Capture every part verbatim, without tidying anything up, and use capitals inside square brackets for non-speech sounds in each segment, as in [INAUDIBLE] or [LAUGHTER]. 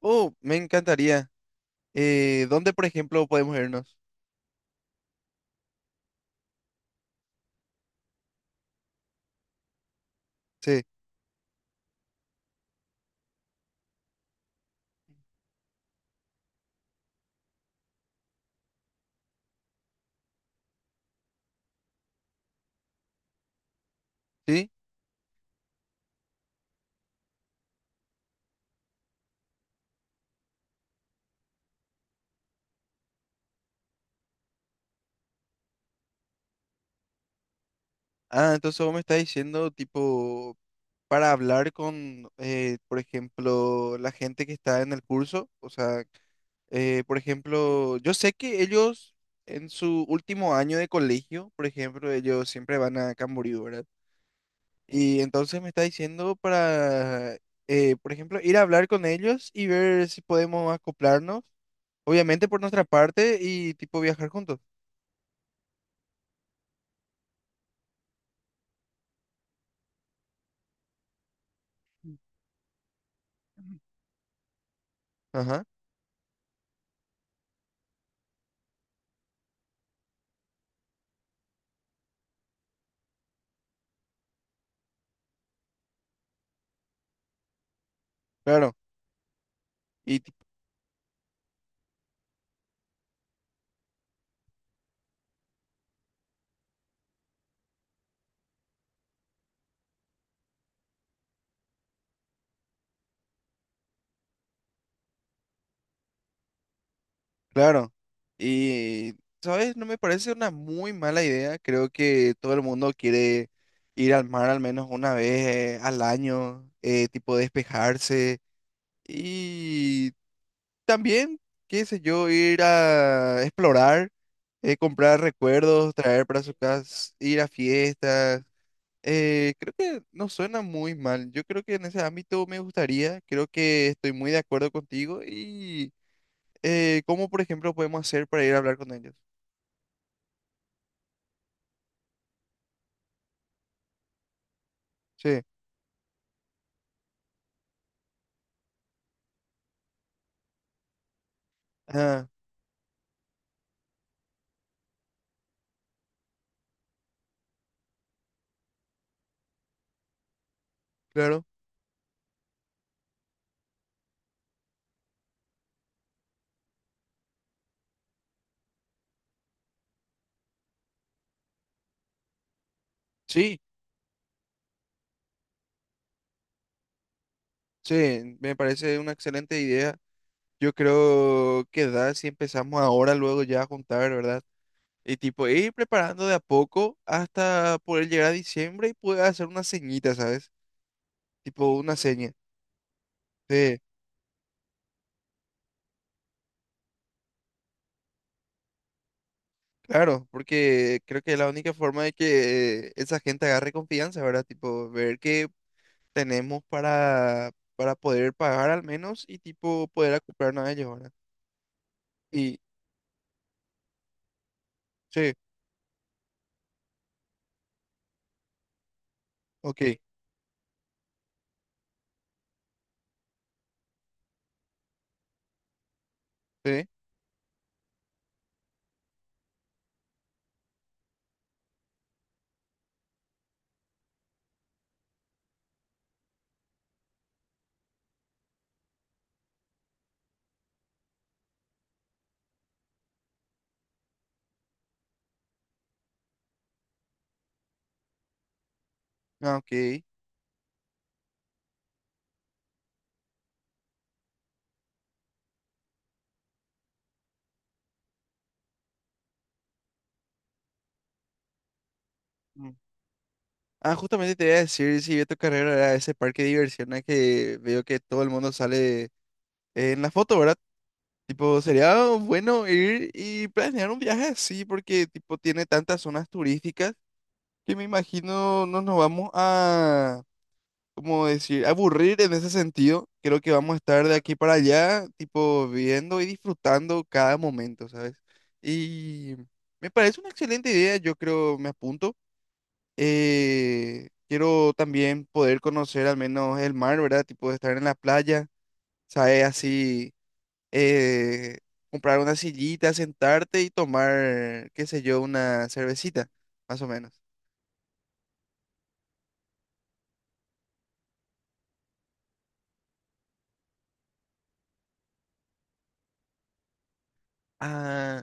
Oh, me encantaría. Eh, ¿dónde, por ejemplo, podemos irnos? Sí, sí. Ah, entonces vos me estás diciendo, tipo, para hablar con, eh, por ejemplo, la gente que está en el curso. O sea, eh, por ejemplo, yo sé que ellos en su último año de colegio, por ejemplo, ellos siempre van a Camboriú, ¿verdad? Y entonces me está diciendo para, eh, por ejemplo, ir a hablar con ellos y ver si podemos acoplarnos. Obviamente por nuestra parte y tipo viajar juntos. Ajá, claro. Y ti- claro. Y, ¿sabes? No me parece una muy mala idea. Creo que todo el mundo quiere ir al mar al menos una vez eh, al año, eh, tipo despejarse. Y también, qué sé yo, ir a explorar, eh, comprar recuerdos, traer para su casa, ir a fiestas. Eh, creo que no suena muy mal. Yo creo que en ese ámbito me gustaría, creo que estoy muy de acuerdo contigo y eh, cómo, por ejemplo, podemos hacer para ir a hablar con ellos. Sí, ah, claro. Sí, sí, me parece una excelente idea. Yo creo que da si empezamos ahora, luego ya a juntar, ¿verdad? Y tipo, ir preparando de a poco hasta poder llegar a diciembre y poder hacer una ceñita, ¿sabes? Tipo una seña. Sí. Claro, porque creo que es la única forma de que esa gente agarre confianza, ¿verdad? Tipo, ver que tenemos para, para poder pagar al menos y tipo poder acoplarnos a ellos, ¿verdad? Y, sí, ok, sí, ah, ok. Mm. Ah, justamente te iba a decir si vi tu carrera era ese parque de diversiones que veo que todo el mundo sale en la foto, ¿verdad? Tipo, sería bueno ir y planear un viaje así porque tipo tiene tantas zonas turísticas que me imagino no nos vamos a... como decir, aburrir en ese sentido. Creo que vamos a estar de aquí para allá, tipo, viendo y disfrutando cada momento, ¿sabes? Y me parece una excelente idea, yo creo, me apunto. Eh, quiero también poder conocer al menos el mar, ¿verdad? Tipo, de estar en la playa, ¿sabes? Así, eh, comprar una sillita, sentarte y tomar, qué sé yo, una cervecita, más o menos. Ah,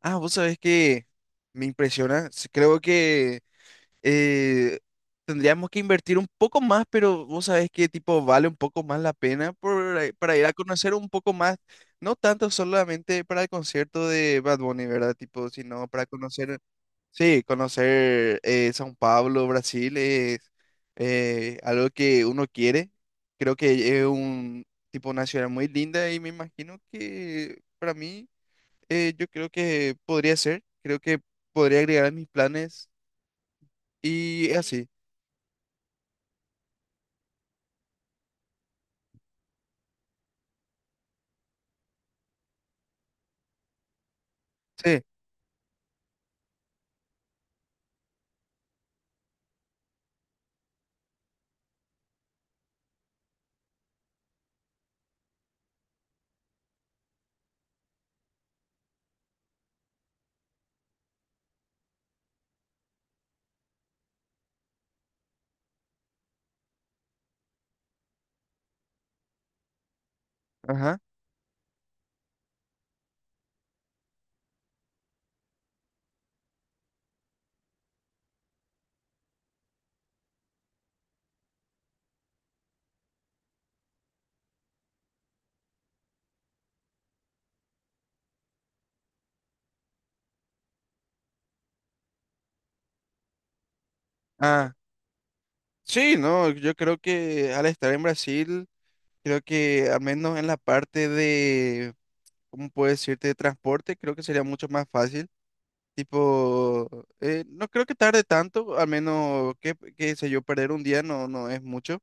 ah, vos sabés que me impresiona, s- creo que... eh, tendríamos que invertir un poco más, pero vos sabés que tipo vale un poco más la pena por, eh, para ir a conocer un poco más, no tanto solamente para el concierto de Bad Bunny, ¿verdad? Tipo, sino para conocer, sí, conocer eh, São Paulo, Brasil es eh, algo que uno quiere. Creo que es un tipo una ciudad muy linda y me imagino que para mí eh, yo creo que podría ser, creo que podría agregar a mis planes y así. Sí. Ajá. Ah, sí, no, yo creo que al estar en Brasil, creo que al menos en la parte de, ¿cómo puedo decirte?, de transporte, creo que sería mucho más fácil. Tipo, eh, no creo que tarde tanto, al menos, que qué sé yo, perder un día no, no es mucho.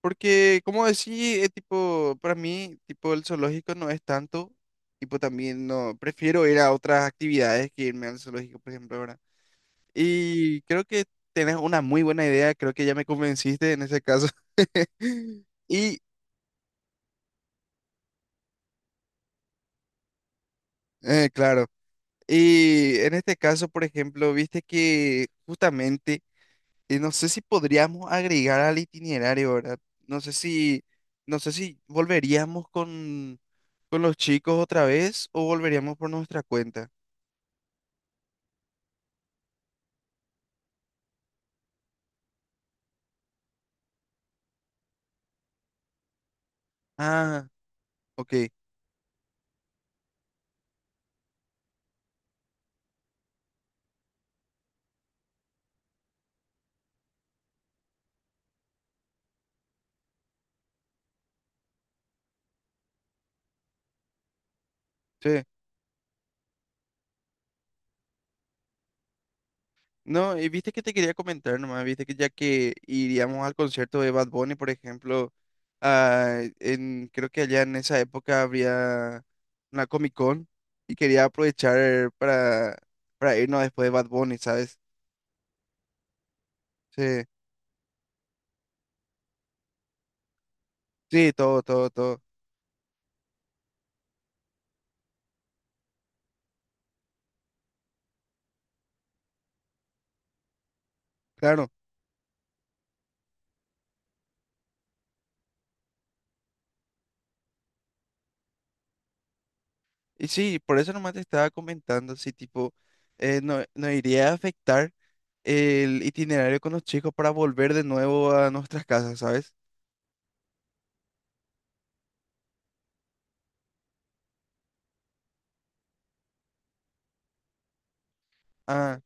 Porque, como decía, eh, tipo, para mí, tipo, el zoológico no es tanto. Tipo, también no, prefiero ir a otras actividades que irme al zoológico, por ejemplo, ¿verdad? Y creo que tenés una muy buena idea, creo que ya me convenciste en ese caso. [LAUGHS] Y eh, claro, y en este caso, por ejemplo, viste que justamente, eh, no sé si podríamos agregar al itinerario, ¿verdad? No sé si, no sé si volveríamos con, con los chicos otra vez o volveríamos por nuestra cuenta. Ah, ok, sí. No, y viste que te quería comentar nomás, viste que ya que iríamos al concierto de Bad Bunny, por ejemplo, ah, en, creo que allá en esa época habría una Comic Con y quería aprovechar para, para irnos después de Bad Bunny, ¿sabes? Sí, sí, todo, todo, todo, claro. Y sí, por eso nomás te estaba comentando, así tipo, eh, no, no iría a afectar el itinerario con los chicos para volver de nuevo a nuestras casas, ¿sabes? Ah,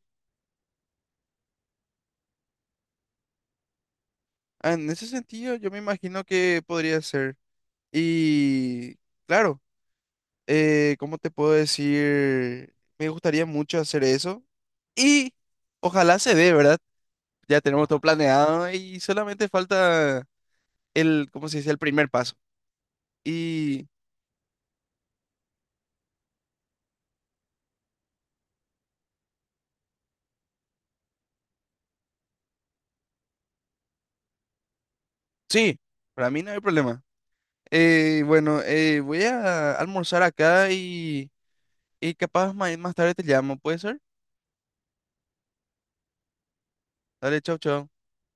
ah, en ese sentido, yo me imagino que podría ser. Y claro, eh, ¿cómo te puedo decir? Me gustaría mucho hacer eso. Y ojalá se dé, ¿verdad? Ya tenemos todo planeado y solamente falta el, ¿cómo se dice? El primer paso. Y sí, para mí no hay problema. Eh, bueno, eh, voy a almorzar acá y, y capaz ma- más tarde te llamo, ¿puede ser? Dale, chau, chau.